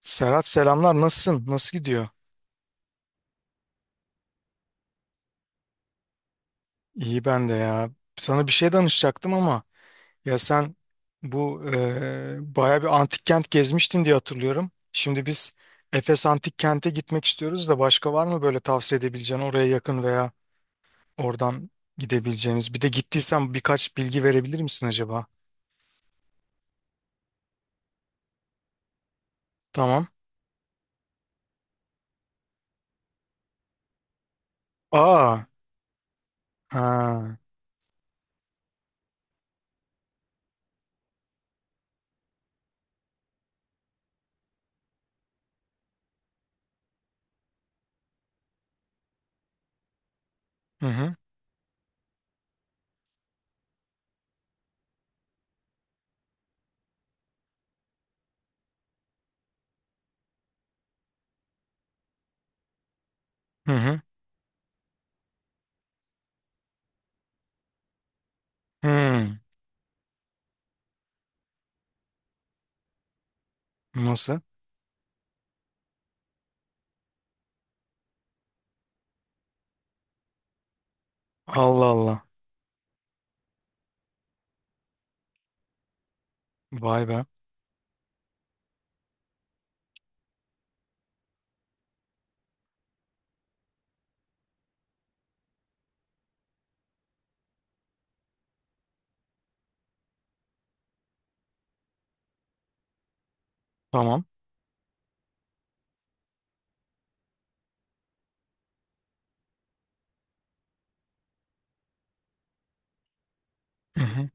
Serhat selamlar nasılsın? Nasıl gidiyor? İyi ben de ya. Sana bir şey danışacaktım ama ya sen bu baya bir antik kent gezmiştin diye hatırlıyorum. Şimdi biz Efes Antik Kent'e gitmek istiyoruz da başka var mı böyle tavsiye edebileceğin oraya yakın veya oradan gidebileceğiniz. Bir de gittiysen birkaç bilgi verebilir misin acaba? Tamam. Aa. Ha. Hı hı. Hı hı. Hı. Nasıl? Allah Allah. Vay be. Tamam. Hı hı.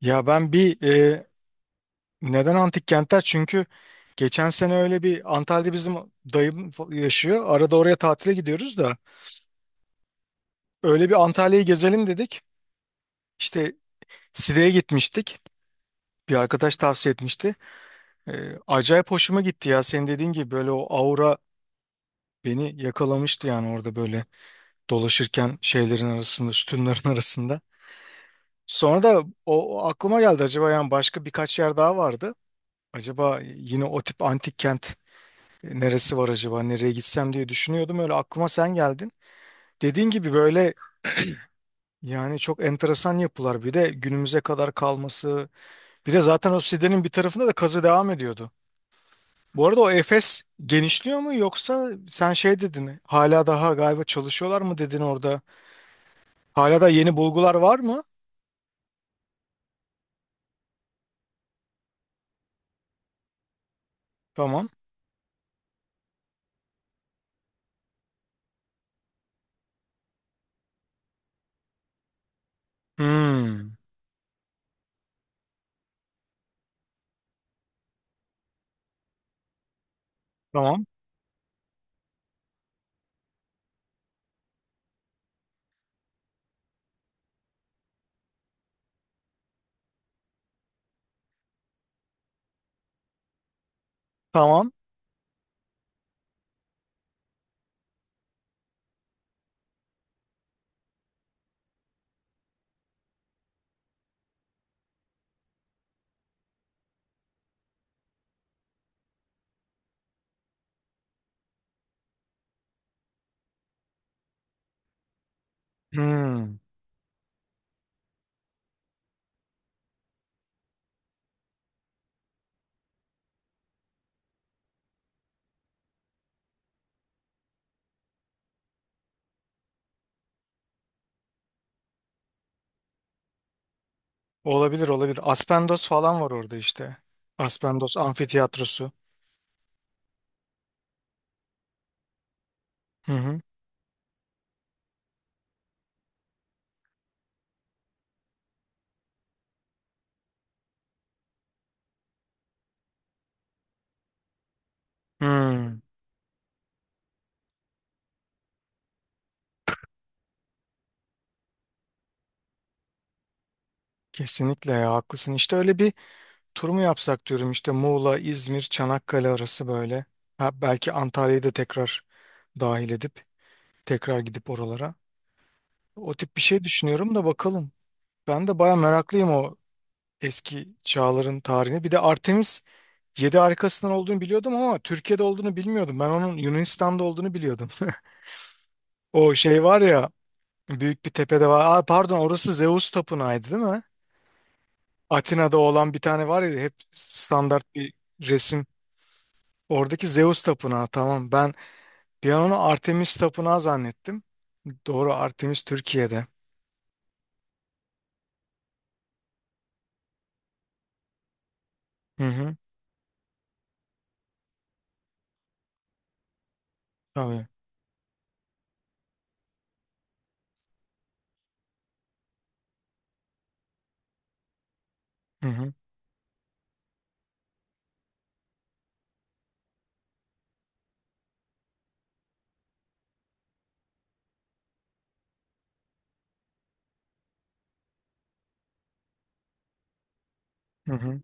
Ya ben bir neden antik kentler? Çünkü geçen sene öyle bir Antalya'da bizim dayım yaşıyor. Arada oraya tatile gidiyoruz da öyle bir Antalya'yı gezelim dedik. İşte Side'ye gitmiştik. Bir arkadaş tavsiye etmişti. Acayip hoşuma gitti ya. Senin dediğin gibi böyle o aura beni yakalamıştı yani orada böyle dolaşırken şeylerin arasında, sütunların arasında. Sonra da o aklıma geldi acaba yani başka birkaç yer daha vardı. Acaba yine o tip antik kent. Neresi var acaba? Nereye gitsem diye düşünüyordum. Öyle aklıma sen geldin. Dediğin gibi böyle yani çok enteresan yapılar. Bir de günümüze kadar kalması. Bir de zaten o sitenin bir tarafında da kazı devam ediyordu. Bu arada o Efes genişliyor mu yoksa sen şey dedin, hala daha galiba çalışıyorlar mı dedin orada. Hala da yeni bulgular var mı? Tamam. Hmm. Tamam. Tamam. Hmm. Olabilir olabilir. Aspendos falan var orada işte. Aspendos amfitiyatrosu. Hı hı. Hmm. Kesinlikle ya, haklısın. İşte öyle bir tur mu yapsak diyorum işte, Muğla, İzmir, Çanakkale arası böyle. Ha, belki Antalya'yı da tekrar dahil edip tekrar gidip oralara. O tip bir şey düşünüyorum da bakalım. Ben de baya meraklıyım o eski çağların tarihine. Bir de Artemis 7 harikasından olduğunu biliyordum ama Türkiye'de olduğunu bilmiyordum. Ben onun Yunanistan'da olduğunu biliyordum. O şey var ya, büyük bir tepede var. Aa, pardon, orası Zeus Tapınağı'ydı değil mi? Atina'da olan bir tane var ya, hep standart bir resim. Oradaki Zeus tapınağı, tamam. Ben bir an onu Artemis tapınağı zannettim. Doğru, Artemis Türkiye'de. Hı hı. Tabii. Hı hı. Hı hı.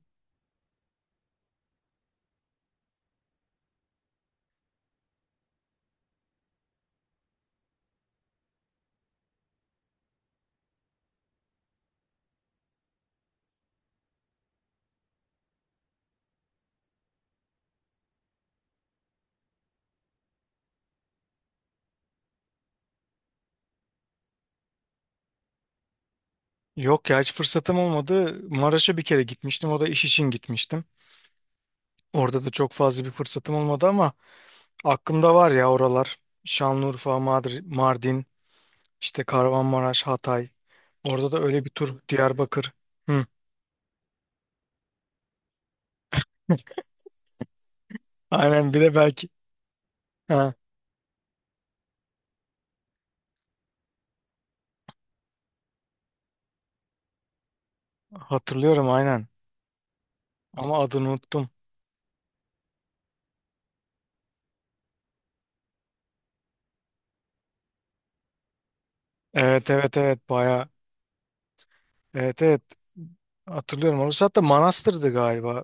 Yok ya, hiç fırsatım olmadı. Maraş'a bir kere gitmiştim. O da iş için gitmiştim. Orada da çok fazla bir fırsatım olmadı ama aklımda var ya oralar. Şanlıurfa, Mardin, işte Kahramanmaraş, Hatay. Orada da öyle bir tur. Diyarbakır. Hı. Aynen, bir de belki. Ha, hatırlıyorum aynen. Ama adını unuttum. Evet evet evet, bayağı. Evet evet, hatırlıyorum orası, hatta manastırdı galiba.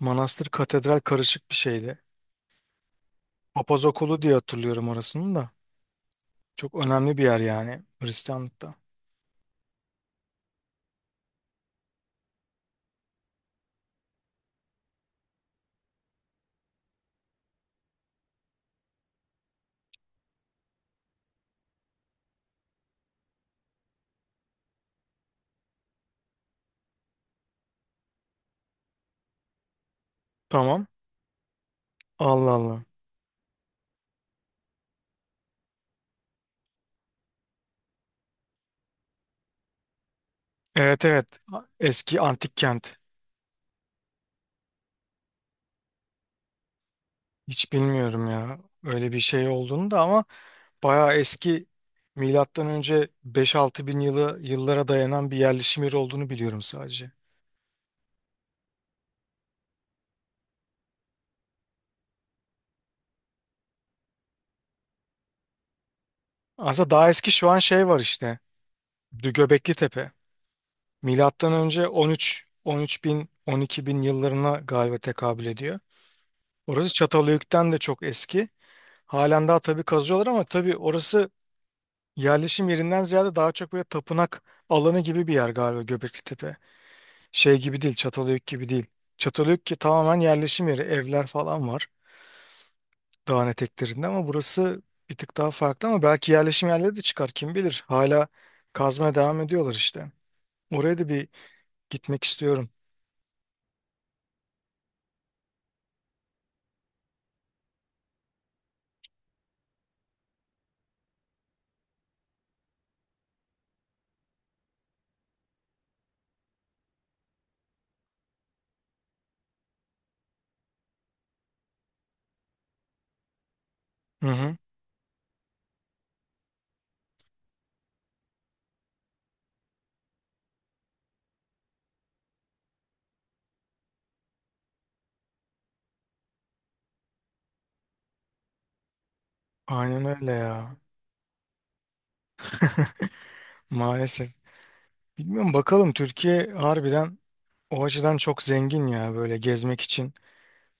Manastır katedral karışık bir şeydi. Papaz okulu diye hatırlıyorum orasını da. Çok önemli bir yer yani Hristiyanlıkta. Tamam. Allah Allah. Evet evet. Eski antik kent. Hiç bilmiyorum ya. Öyle bir şey olduğunu da, ama bayağı eski, milattan önce beş altı bin yıllara dayanan bir yerleşim yeri olduğunu biliyorum sadece. Aslında daha eski şu an şey var işte. Göbekli Tepe. Milattan önce 13 bin 12 bin yıllarına galiba tekabül ediyor. Orası Çatalhöyük'ten de çok eski. Halen daha tabii kazıyorlar ama tabii orası yerleşim yerinden ziyade daha çok böyle tapınak alanı gibi bir yer galiba, Göbeklitepe. Şey gibi değil, Çatalhöyük gibi değil. Çatalhöyük ki tamamen yerleşim yeri, evler falan var dağın eteklerinde, ama burası bir tık daha farklı ama belki yerleşim yerleri de çıkar kim bilir. Hala kazmaya devam ediyorlar işte. Oraya da bir gitmek istiyorum. Hı hı. Aynen öyle ya. Maalesef. Bilmiyorum bakalım, Türkiye harbiden o açıdan çok zengin ya böyle gezmek için,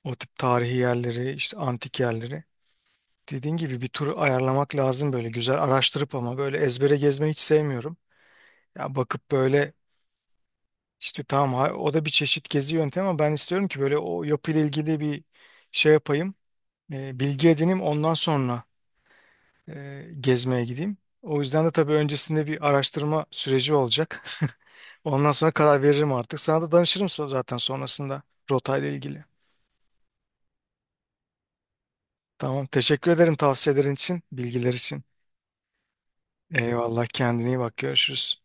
o tip tarihi yerleri, işte antik yerleri. Dediğin gibi bir tur ayarlamak lazım böyle güzel araştırıp, ama böyle ezbere gezmeyi hiç sevmiyorum. Ya bakıp böyle işte tamam, o da bir çeşit gezi yöntemi ama ben istiyorum ki böyle o yapıyla ilgili bir şey yapayım. Bilgi edineyim, ondan sonra gezmeye gideyim. O yüzden de tabii öncesinde bir araştırma süreci olacak. Ondan sonra karar veririm artık. Sana da danışırım zaten sonrasında, rotayla ilgili. Tamam. Teşekkür ederim tavsiyelerin için, bilgiler için. Eyvallah. Kendine iyi bak. Görüşürüz.